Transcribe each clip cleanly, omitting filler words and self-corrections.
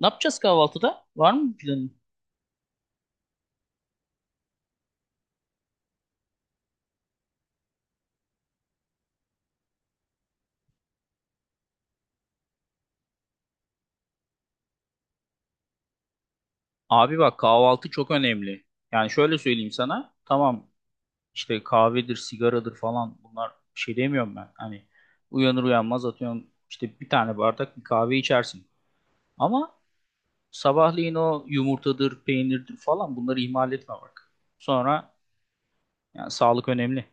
Ne yapacağız kahvaltıda? Var mı bir planın? Abi bak, kahvaltı çok önemli. Yani şöyle söyleyeyim sana. Tamam, işte kahvedir, sigaradır falan, bunlar bir şey demiyorum ben. Hani uyanır uyanmaz, atıyorum, işte bir tane bardak bir kahve içersin. Ama sabahleyin o yumurtadır, peynirdir falan, bunları ihmal etme bak. Sonra yani sağlık önemli.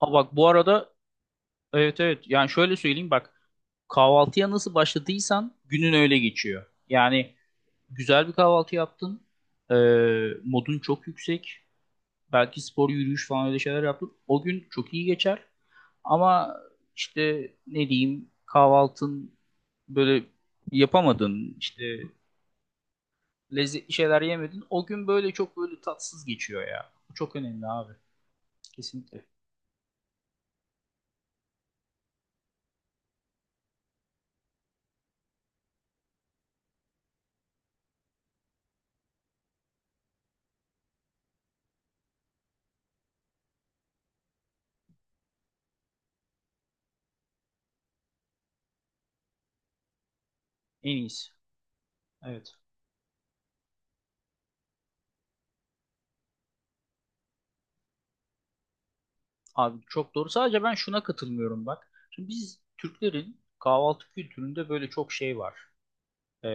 Ha bak bu arada, evet evet, yani şöyle söyleyeyim bak, kahvaltıya nasıl başladıysan günün öyle geçiyor. Yani güzel bir kahvaltı yaptın. Ee, Modun çok yüksek. Belki spor, yürüyüş falan, öyle şeyler yaptın. O gün çok iyi geçer. Ama işte ne diyeyim, kahvaltın böyle yapamadın. İşte lezzetli şeyler yemedin. O gün böyle çok böyle tatsız geçiyor ya. Bu çok önemli abi. Kesinlikle. En iyisi. Evet. Abi çok doğru. Sadece ben şuna katılmıyorum bak. Şimdi biz Türklerin kahvaltı kültüründe böyle çok şey var. e,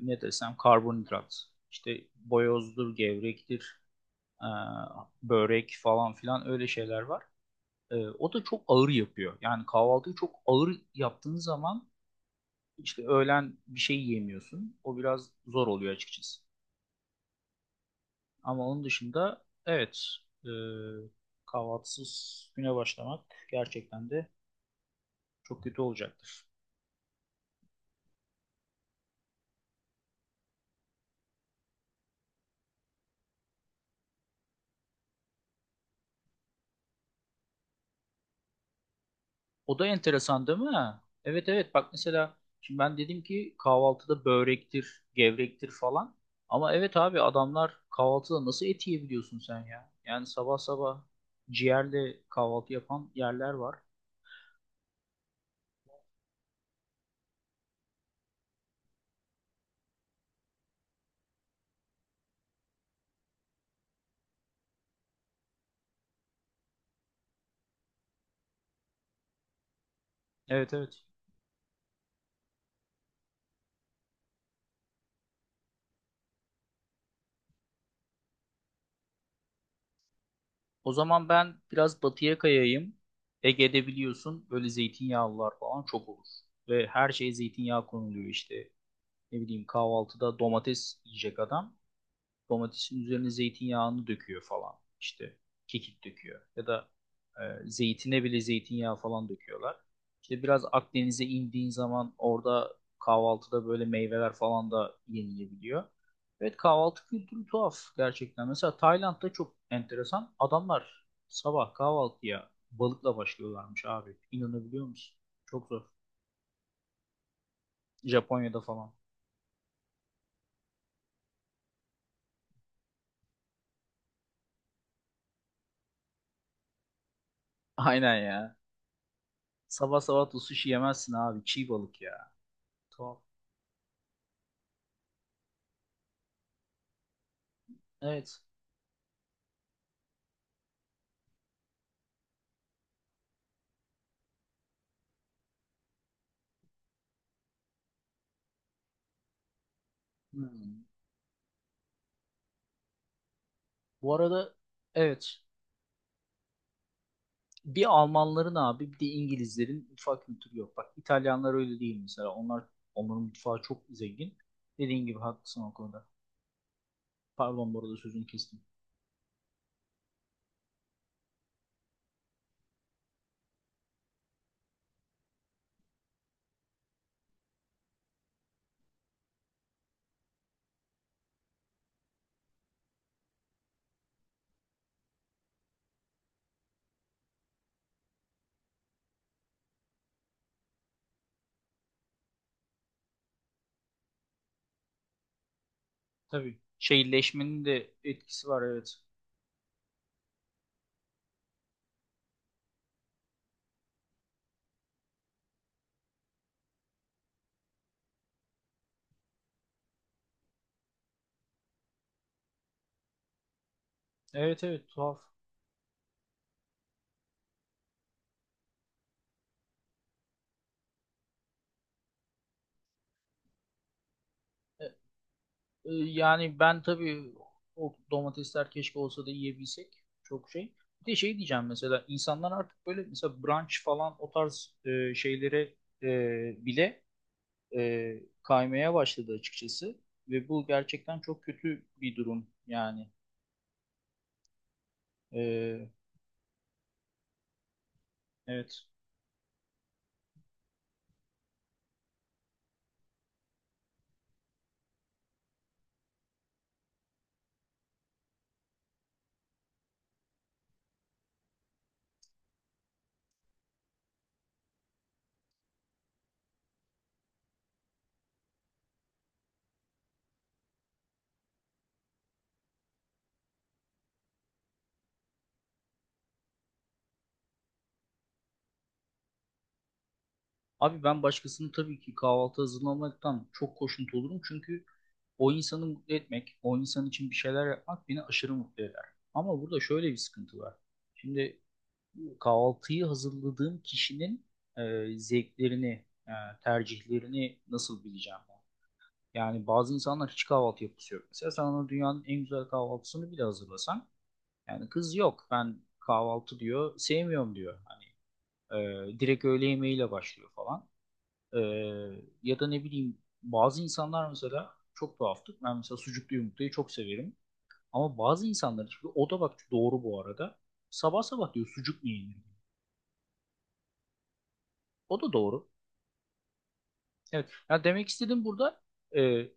Ne desem, karbonhidrat. İşte boyozdur, gevrektir, e, börek falan filan, öyle şeyler var. E, o da çok ağır yapıyor. Yani kahvaltıyı çok ağır yaptığın zaman, işte öğlen bir şey yiyemiyorsun. O biraz zor oluyor açıkçası. Ama onun dışında evet, e, kahvaltısız güne başlamak gerçekten de çok kötü olacaktır. O da enteresan değil mi? Evet evet, bak mesela şimdi ben dedim ki kahvaltıda börektir, gevrektir falan. Ama evet abi, adamlar kahvaltıda nasıl et yiyebiliyorsun sen ya? Yani sabah sabah ciğerle kahvaltı yapan yerler var. Evet evet. O zaman ben biraz batıya kayayım. Ege'de biliyorsun böyle zeytinyağlılar falan çok olur. Ve her şeye zeytinyağı konuluyor işte. Ne bileyim, kahvaltıda domates yiyecek adam. Domatesin üzerine zeytinyağını döküyor falan. İşte kekik döküyor. Ya da zeytine bile zeytinyağı falan döküyorlar. İşte biraz Akdeniz'e indiğin zaman orada kahvaltıda böyle meyveler falan da yenilebiliyor. Evet, kahvaltı kültürü tuhaf gerçekten. Mesela Tayland'da çok enteresan. Adamlar sabah kahvaltıya balıkla başlıyorlarmış abi. İnanabiliyor musun? Çok zor. Japonya'da falan. Aynen ya. Sabah sabah da sushi yemezsin abi. Çiğ balık ya. Tuhaf. Evet. Hmm. Bu arada evet, bir Almanların abi, bir de İngilizlerin mutfak kültürü yok. Bak İtalyanlar öyle değil mesela. Onların mutfağı çok zengin. Dediğin gibi haklısın o konuda. Pardon bu arada, sözünü kestim. Tabii şehirleşmenin de etkisi var, evet. Evet evet, tuhaf. E, Yani ben tabii o domatesler keşke olsa da yiyebilsek. Çok şey. Bir de şey diyeceğim, mesela insanlar artık böyle mesela brunch falan, o tarz şeylere bile e, kaymaya başladı açıkçası. Ve bu gerçekten çok kötü bir durum yani. E, evet. Abi ben başkasını tabii ki kahvaltı hazırlamaktan çok hoşnut olurum. Çünkü o insanı mutlu etmek, o insan için bir şeyler yapmak beni aşırı mutlu eder. Ama burada şöyle bir sıkıntı var. Şimdi kahvaltıyı hazırladığım kişinin zevklerini, tercihlerini nasıl bileceğim ben? Yani bazı insanlar hiç kahvaltı yapısı yok. Mesela sen ona dünyanın en güzel kahvaltısını bile hazırlasan, yani kız yok ben kahvaltı, diyor, sevmiyorum, diyor. Hani direkt öğle yemeğiyle başlıyor falan. E, Ya da ne bileyim, bazı insanlar mesela çok tuhaftır. Ben mesela sucuklu yumurtayı çok severim. Ama bazı insanlar, çünkü o da bak doğru bu arada, sabah sabah diyor sucuk mu yenir? O da doğru. Evet. Yani demek istediğim burada, e,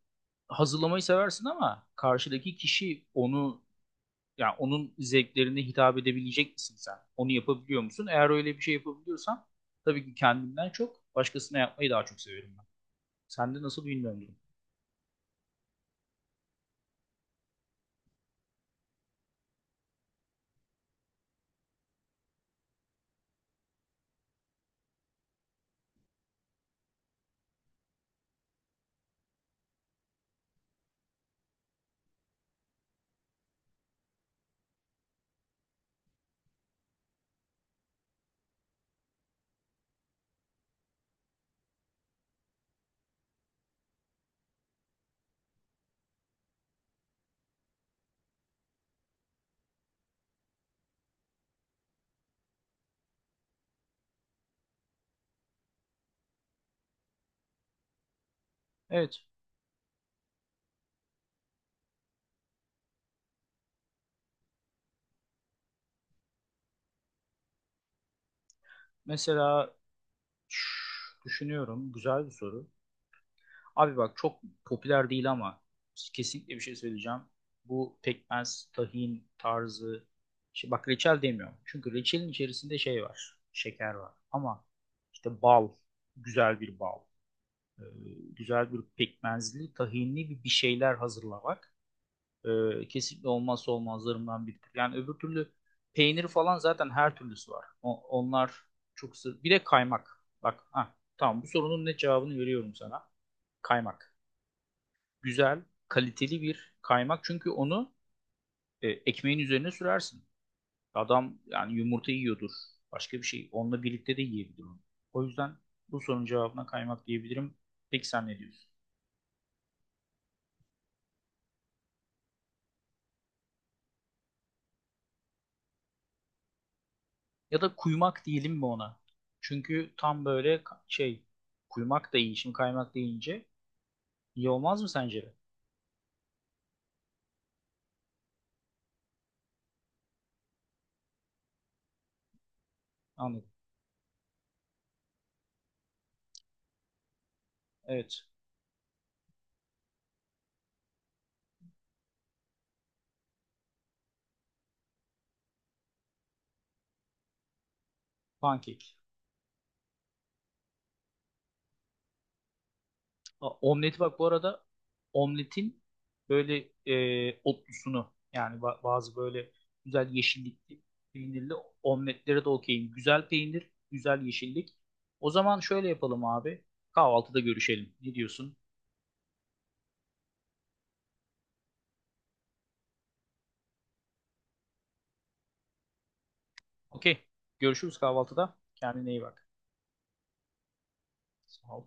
hazırlamayı seversin ama karşıdaki kişi onu, yani onun zevklerine hitap edebilecek misin sen? Onu yapabiliyor musun? Eğer öyle bir şey yapabiliyorsan, tabii ki kendimden çok başkasına yapmayı daha çok severim ben. Sende nasıl bilmiyorum durum. Evet. Mesela şş, düşünüyorum. Güzel bir soru. Abi bak, çok popüler değil ama kesinlikle bir şey söyleyeceğim. Bu pekmez, tahin tarzı. Şey, bak reçel demiyorum. Çünkü reçelin içerisinde şey var. Şeker var. Ama işte bal. Güzel bir bal. e, Güzel bir pekmezli, tahinli bir şeyler hazırlamak kesinlikle olmazsa olmazlarımdan biridir. Yani öbür türlü peynir falan zaten her türlüsü var. Onlar çok sır. Bir de kaymak. Bak, ha, tamam, bu sorunun ne cevabını veriyorum sana. Kaymak. Güzel, kaliteli bir kaymak. Çünkü onu ekmeğin üzerine sürersin. Adam yani yumurta yiyordur. Başka bir şey. Onunla birlikte de yiyebilir onu. O yüzden bu sorunun cevabına kaymak diyebilirim. Peki sen ne diyorsun? Ya da kuymak diyelim mi ona? Çünkü tam böyle kuymak da iyi. Şimdi kaymak deyince iyi olmaz mı sence de? Anladım. Evet. Pankek. Omleti bak bu arada, omletin böyle otlusunu, yani bazı böyle güzel yeşillikli, peynirli omletlere de okeyim. Güzel peynir, güzel yeşillik. O zaman şöyle yapalım abi. Kahvaltıda görüşelim. Ne diyorsun? Okey. Görüşürüz kahvaltıda. Kendine iyi bak. Sağ ol.